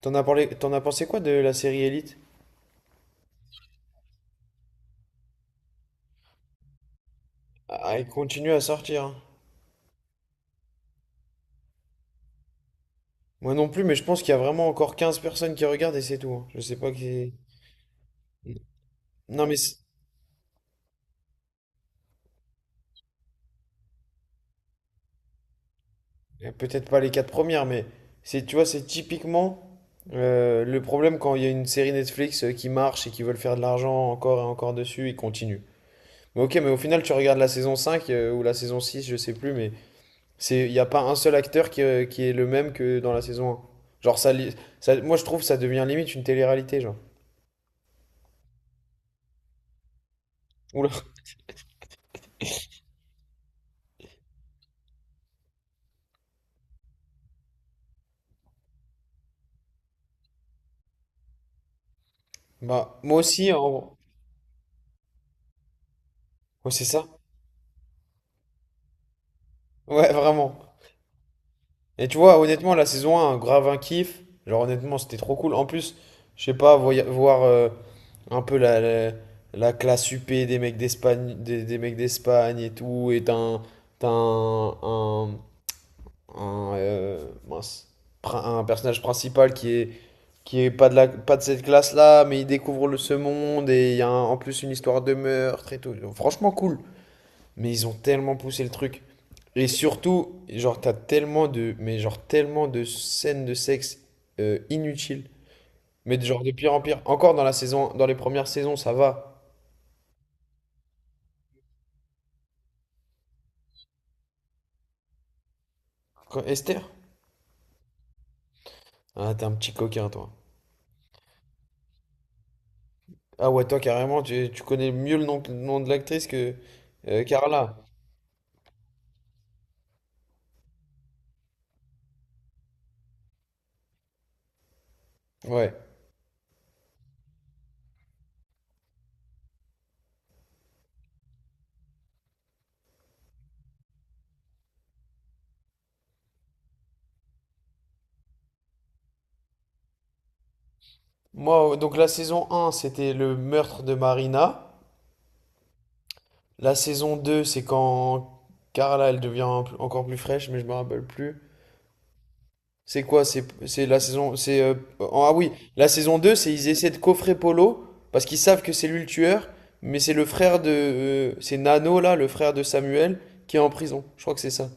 T'en as parlé, t'en as pensé quoi de la série Elite? Ah, elle continue à sortir, hein. Moi non plus, mais je pense qu'il y a vraiment encore 15 personnes qui regardent et c'est tout, hein. Je sais pas qui. Non, mais peut-être pas les quatre premières, mais c'est, tu vois, c'est typiquement le problème quand il y a une série Netflix qui marche et qui veulent faire de l'argent encore et encore dessus, ils continuent. Mais ok, mais au final, tu regardes la saison 5 ou la saison 6, je sais plus, mais c'est, il n'y a pas un seul acteur qui est le même que dans la saison un. Genre, moi je trouve que ça devient limite une télé-réalité, genre. Oula. Bah, moi aussi, hein, en gros. Ouais, c'est ça. Ouais, vraiment. Et tu vois, honnêtement, la saison un grave un kiff. Genre, honnêtement, c'était trop cool. En plus, je sais pas, voir un peu la classe UP des mecs d'Espagne et tout. Et t'as un, un, mince, un personnage principal qui est pas de pas de cette classe-là, mais il découvre ce monde. Et il y a en plus une histoire de meurtre et tout. Franchement, cool. Mais ils ont tellement poussé le truc. Et surtout, genre, t'as tellement de, mais genre, tellement de scènes de sexe inutiles. Mais genre, de pire en pire. Encore dans les premières saisons, ça va. Esther? Ah, t'es un petit coquin, toi. Ah ouais, toi, carrément, tu connais mieux le nom, de l'actrice que Carla. Ouais. Moi, donc la saison un c'était le meurtre de Marina. La saison 2 c'est quand Carla, elle devient encore plus fraîche, mais je me rappelle plus. C'est quoi? C'est la saison. C'est Ah oui, la saison 2, c'est ils essaient de coffrer Polo parce qu'ils savent que c'est lui le tueur, mais c'est Nano là, le frère de Samuel qui est en prison. Je crois que c'est ça.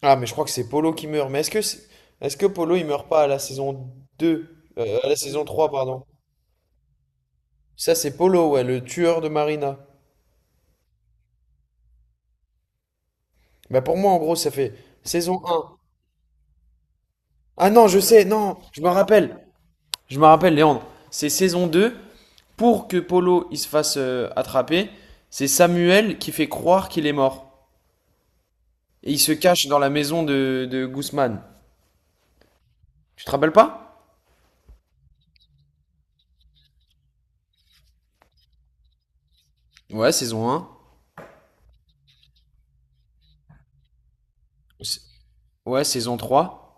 Ah mais je crois que c'est Polo qui meurt. Mais est-ce que est-ce que Polo il meurt pas à la saison 2 à la saison 3, pardon. Ça c'est Polo ouais, le tueur de Marina. Bah pour moi en gros, ça fait saison un. Ah non, je sais, non, je me rappelle. Je me rappelle, Léandre, c'est saison deux. Pour que Polo il se fasse attraper, c'est Samuel qui fait croire qu'il est mort. Et il se cache dans la maison de Guzman. Tu te rappelles pas? Ouais, saison un. Ouais, saison trois.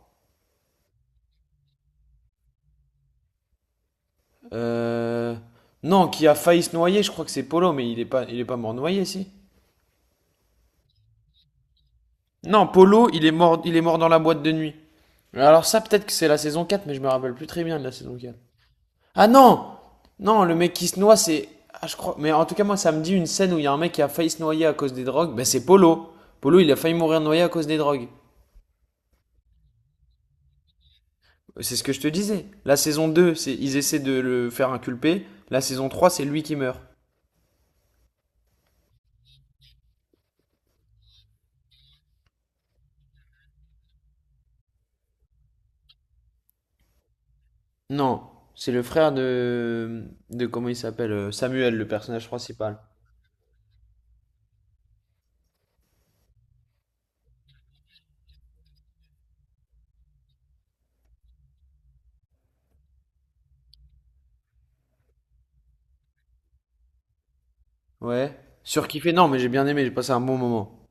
Euh... Non, qui a failli se noyer, je crois que c'est Polo, mais il est pas mort noyé, si. Non, Polo, il est mort dans la boîte de nuit. Alors ça, peut-être que c'est la saison 4, mais je me rappelle plus très bien de la saison quatre. Ah non! Non, le mec qui se noie, c'est. Ah, je crois. Mais en tout cas, moi, ça me dit une scène où il y a un mec qui a failli se noyer à cause des drogues. Ben, c'est Polo. Polo, il a failli mourir noyé à cause des drogues. C'est ce que je te disais. La saison deux, c'est ils essaient de le faire inculper. La saison trois c'est lui qui meurt. Non, c'est le frère de. De comment il s'appelle? Samuel, le personnage principal. Ouais. Surkiffé? Non, mais j'ai bien aimé, j'ai passé un bon moment.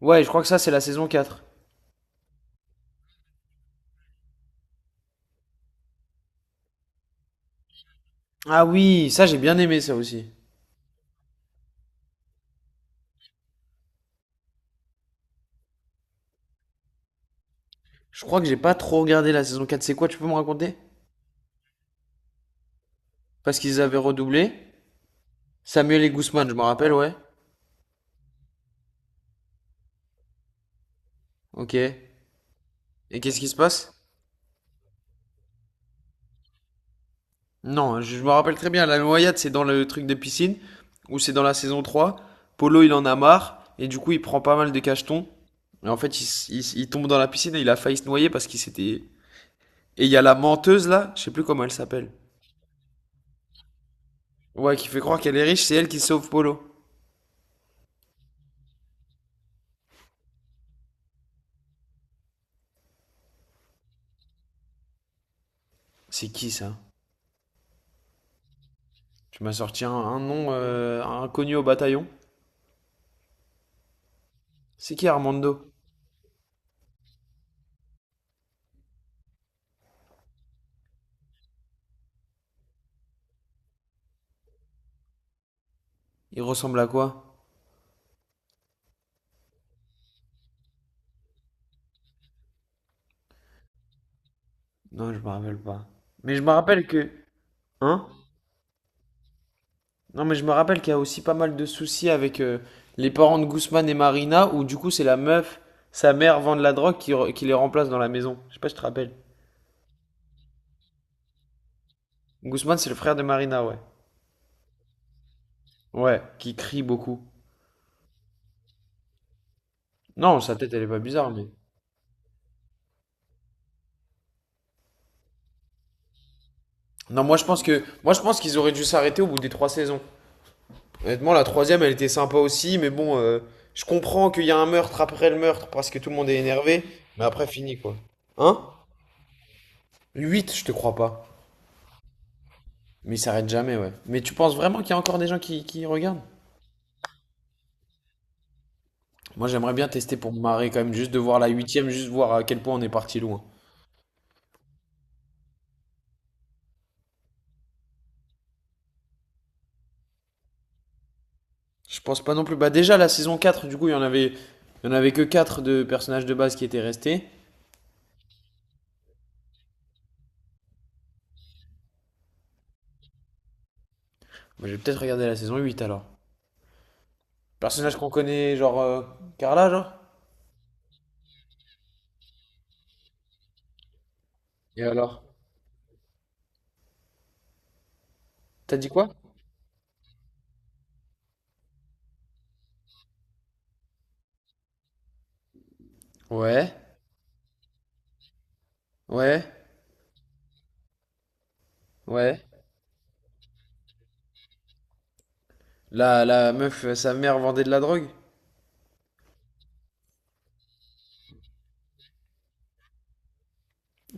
Ouais, je crois que ça, c'est la saison 4. Ah oui, ça, j'ai bien aimé ça aussi. Je crois que j'ai pas trop regardé la saison 4. C'est quoi, tu peux me raconter? Parce qu'ils avaient redoublé. Samuel et Guzman, je me rappelle, ouais. Ok. Et qu'est-ce qui se passe? Non, je me rappelle très bien. La noyade, c'est dans le truc de piscine, ou c'est dans la saison 3. Polo, il en a marre, et du coup, il prend pas mal de cachetons. Et en fait, il tombe dans la piscine et il a failli se noyer parce qu'il s'était. Et il y a la menteuse là, je sais plus comment elle s'appelle. Ouais, qui fait croire qu'elle est riche, c'est elle qui sauve Polo. C'est qui ça? Tu m'as sorti un nom inconnu au bataillon. C'est qui Armando? Il ressemble à quoi? Non, je me rappelle pas. Mais je me rappelle que... Hein? Non, mais je me rappelle qu'il y a aussi pas mal de soucis avec les parents de Guzman et Marina, où du coup c'est la meuf, sa mère vend de la drogue qui les remplace dans la maison. Je sais pas si tu te rappelles. Guzman, c'est le frère de Marina, ouais. Ouais, qui crie beaucoup. Non, sa tête, elle est pas bizarre, mais... Non, moi je pense qu'ils auraient dû s'arrêter au bout des trois saisons. Honnêtement, la troisième, elle était sympa aussi, mais bon, je comprends qu'il y a un meurtre après le meurtre parce que tout le monde est énervé, mais après fini quoi. Hein? 8, je te crois pas. Mais il s'arrête jamais, ouais. Mais tu penses vraiment qu'il y a encore des gens qui regardent? Moi, j'aimerais bien tester pour me marrer quand même, juste de voir la huitième, juste voir à quel point on est parti loin. Je pense pas non plus. Bah déjà, la saison quatre, du coup, il y en avait que 4 de personnages de base qui étaient restés. Moi, je vais peut-être regarder la saison huit alors. Personnage qu'on connaît, genre Carla, genre? Et alors? T'as dit quoi? Ouais, ouais, ouais. La meuf, sa mère vendait de la drogue?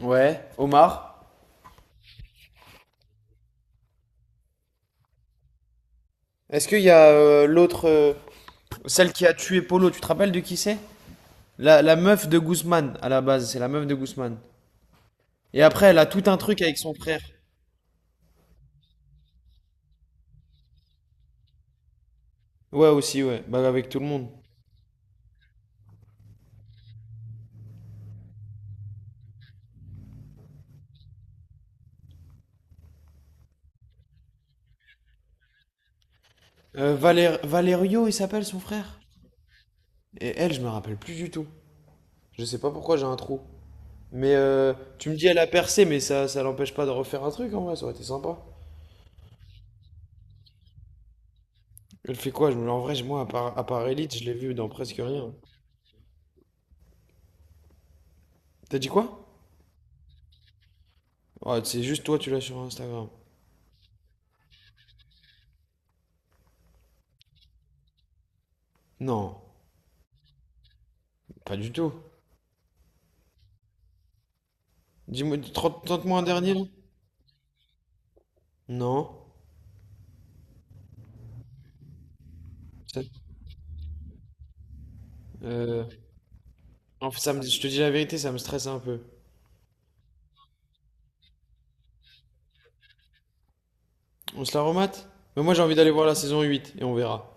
Ouais. Omar? Est-ce qu'il y a l'autre, celle qui a tué Polo, tu te rappelles de qui c'est? La meuf de Guzman, à la base, c'est la meuf de Guzman. Et après, elle a tout un truc avec son frère. Ouais, aussi, ouais. Bah, avec tout le monde. Valerio, il s'appelle son frère. Et elle, je me rappelle plus du tout. Je sais pas pourquoi j'ai un trou. Mais tu me dis, elle a percé, mais ça l'empêche pas de refaire un truc en vrai, ça aurait été sympa. Elle fait quoi? Je me... En vrai, moi, à part Elite, je l'ai vu dans presque rien. T'as dit quoi? Ouais, c'est juste toi, tu l'as sur Instagram. Non, pas du tout. Dis-moi, tente-moi un dernier là. Non. Ça- euh, En fait, je te dis la vérité, ça me stresse un peu. On se la remate? Mais moi, j'ai envie d'aller voir la saison 8 et on verra.